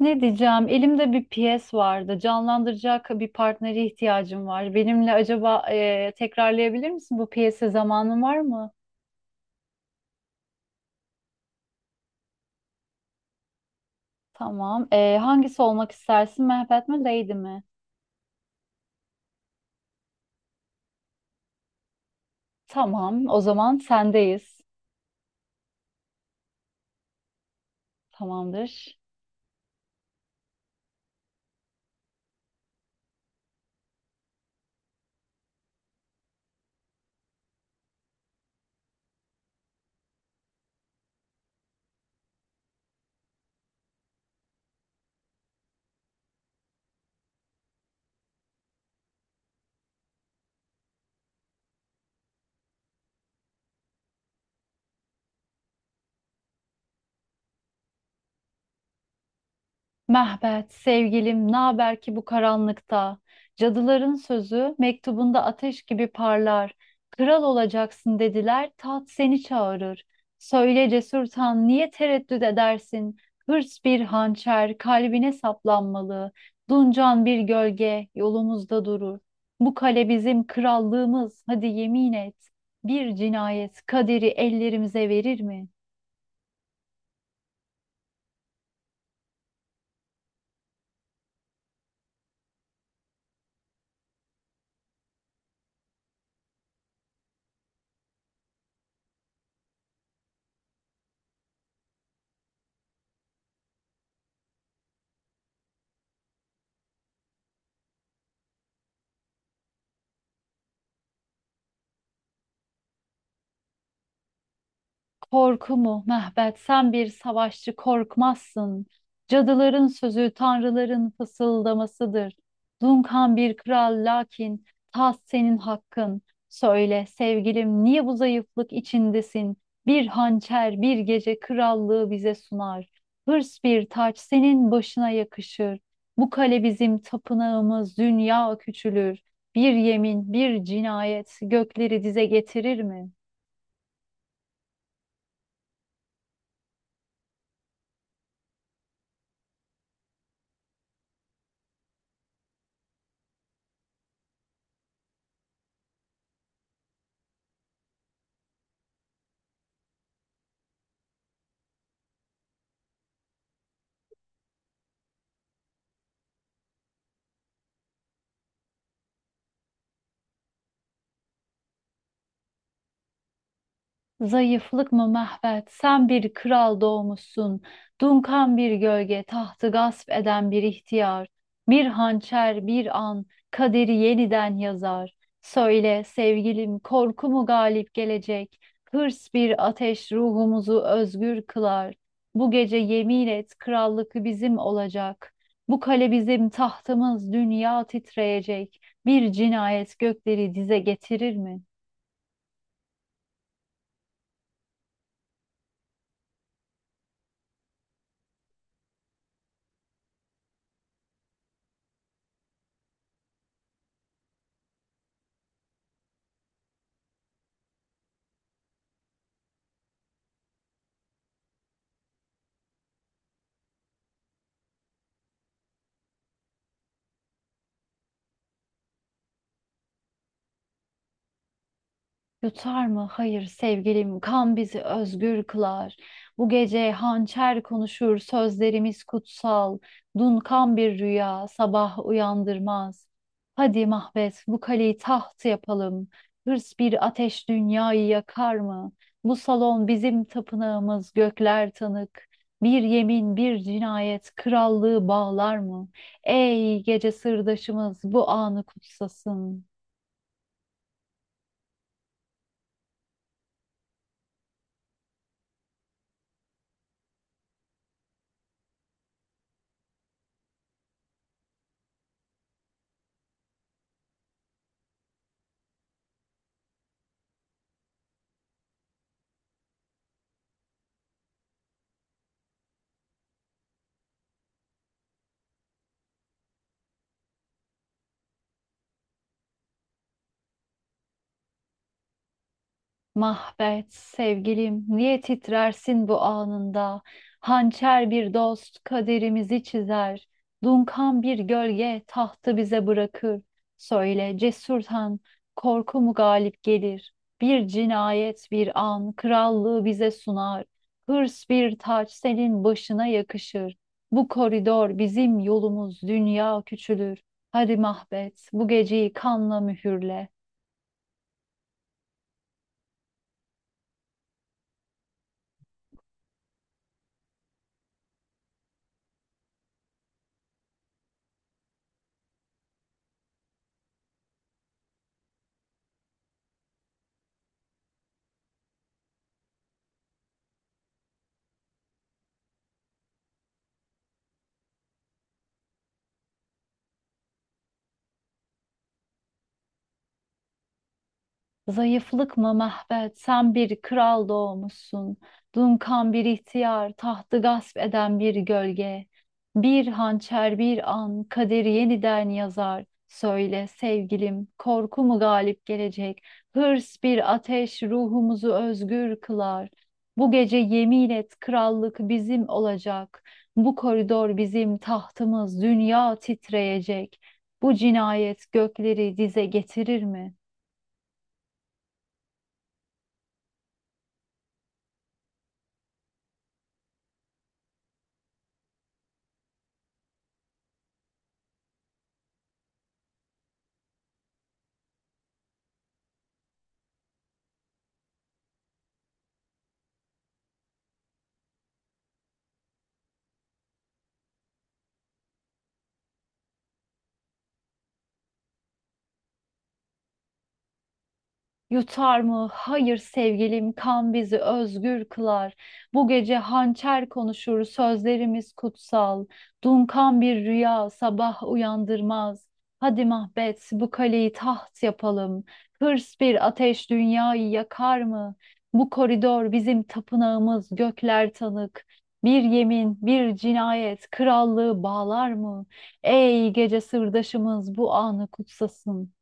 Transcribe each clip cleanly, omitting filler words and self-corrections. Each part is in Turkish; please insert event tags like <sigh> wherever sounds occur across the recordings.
Ne diyeceğim? Elimde bir piyes vardı. Canlandıracak bir partnere ihtiyacım var. Benimle acaba tekrarlayabilir misin bu piyesi? Zamanın var mı? Tamam. Hangisi olmak istersin? Mehmet mi, Lady mi? Tamam. O zaman sendeyiz. Tamamdır. Mehmet, sevgilim, naber ki bu karanlıkta? Cadıların sözü mektubunda ateş gibi parlar. Kral olacaksın dediler, taht seni çağırır. Söyle cesur tan, niye tereddüt edersin? Hırs bir hançer, kalbine saplanmalı. Duncan bir gölge, yolumuzda durur. Bu kale bizim krallığımız, hadi yemin et. Bir cinayet kaderi ellerimize verir mi? Korku mu Mehmet, sen bir savaşçı korkmazsın. Cadıların sözü tanrıların fısıldamasıdır. Dunkan bir kral, lakin taht senin hakkın. Söyle sevgilim, niye bu zayıflık içindesin? Bir hançer bir gece krallığı bize sunar. Hırs bir taç senin başına yakışır. Bu kale bizim tapınağımız, dünya küçülür. Bir yemin bir cinayet gökleri dize getirir mi? Zayıflık mı Mehmet? Sen bir kral doğmuşsun. Dunkan bir gölge, tahtı gasp eden bir ihtiyar. Bir hançer, bir an, kaderi yeniden yazar. Söyle sevgilim, korku mu galip gelecek? Hırs bir ateş ruhumuzu özgür kılar. Bu gece yemin et, krallık bizim olacak. Bu kale bizim tahtımız, dünya titreyecek. Bir cinayet gökleri dize getirir mi? Yutar mı? Hayır sevgilim, kan bizi özgür kılar. Bu gece hançer konuşur, sözlerimiz kutsal. Dunkan bir rüya, sabah uyandırmaz. Hadi Mahvet, bu kaleyi taht yapalım. Hırs bir ateş dünyayı yakar mı? Bu salon bizim tapınağımız, gökler tanık. Bir yemin, bir cinayet, krallığı bağlar mı? Ey gece sırdaşımız, bu anı kutsasın. Mahbet, sevgilim, niye titrersin bu anında? Hançer bir dost kaderimizi çizer. Dunkan bir gölge tahtı bize bırakır. Söyle cesurtan, korku mu galip gelir? Bir cinayet bir an krallığı bize sunar. Hırs bir taç senin başına yakışır. Bu koridor bizim yolumuz, dünya küçülür. Hadi Mahbet, bu geceyi kanla mühürle. Zayıflık mı Mehmet? Sen bir kral doğmuşsun. Dunkan bir ihtiyar, tahtı gasp eden bir gölge. Bir hançer bir an kaderi yeniden yazar. Söyle sevgilim, korku mu galip gelecek? Hırs bir ateş ruhumuzu özgür kılar. Bu gece yemin et, krallık bizim olacak. Bu koridor bizim tahtımız, dünya titreyecek. Bu cinayet gökleri dize getirir mi? Yutar mı? Hayır sevgilim, kan bizi özgür kılar. Bu gece hançer konuşur, sözlerimiz kutsal. Dunkan bir rüya sabah uyandırmaz. Hadi Mahbet, bu kaleyi taht yapalım. Hırs bir ateş dünyayı yakar mı? Bu koridor bizim tapınağımız, gökler tanık. Bir yemin, bir cinayet krallığı bağlar mı? Ey gece sırdaşımız bu anı kutsasın.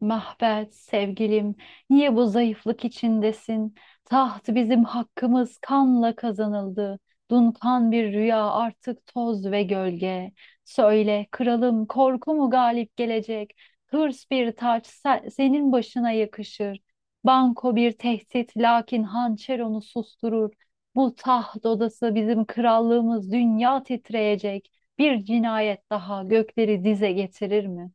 Mahvet, sevgilim, niye bu zayıflık içindesin? Taht bizim hakkımız, kanla kazanıldı. Dunkan bir rüya, artık toz ve gölge. Söyle kralım, korku mu galip gelecek? Hırs bir taç senin başına yakışır. Banko bir tehdit, lakin hançer onu susturur. Bu taht odası bizim krallığımız, dünya titreyecek. Bir cinayet daha gökleri dize getirir mi?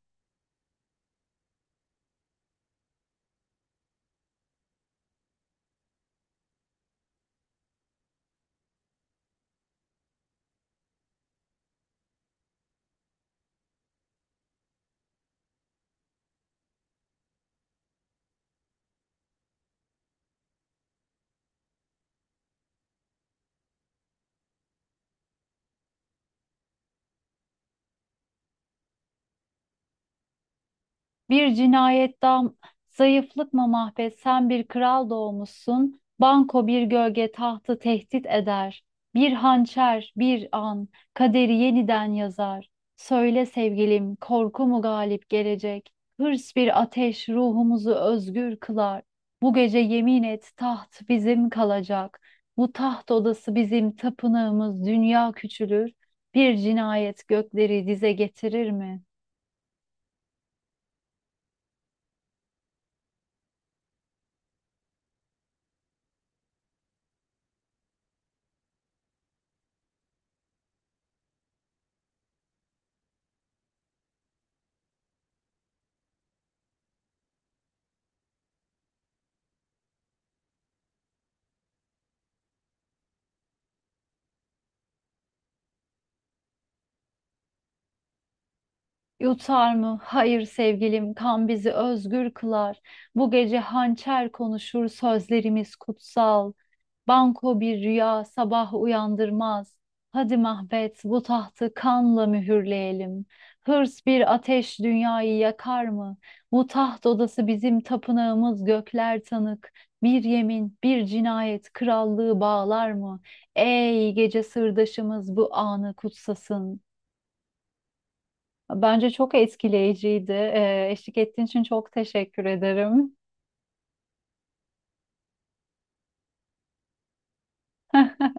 Bir cinayettan zayıflık mı Mahvet, sen bir kral doğmuşsun. Banko bir gölge tahtı tehdit eder. Bir hançer bir an kaderi yeniden yazar. Söyle sevgilim, korku mu galip gelecek? Hırs bir ateş ruhumuzu özgür kılar. Bu gece yemin et, taht bizim kalacak. Bu taht odası bizim tapınağımız, dünya küçülür. Bir cinayet gökleri dize getirir mi? Yutar mı? Hayır sevgilim, kan bizi özgür kılar. Bu gece hançer konuşur, sözlerimiz kutsal. Banko bir rüya sabah uyandırmaz. Hadi Mahbet, bu tahtı kanla mühürleyelim. Hırs bir ateş dünyayı yakar mı? Bu taht odası bizim tapınağımız, gökler tanık. Bir yemin, bir cinayet krallığı bağlar mı? Ey gece sırdaşımız bu anı kutsasın. Bence çok etkileyiciydi. Eşlik ettiğin için çok teşekkür ederim. <laughs>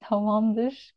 Tamamdır.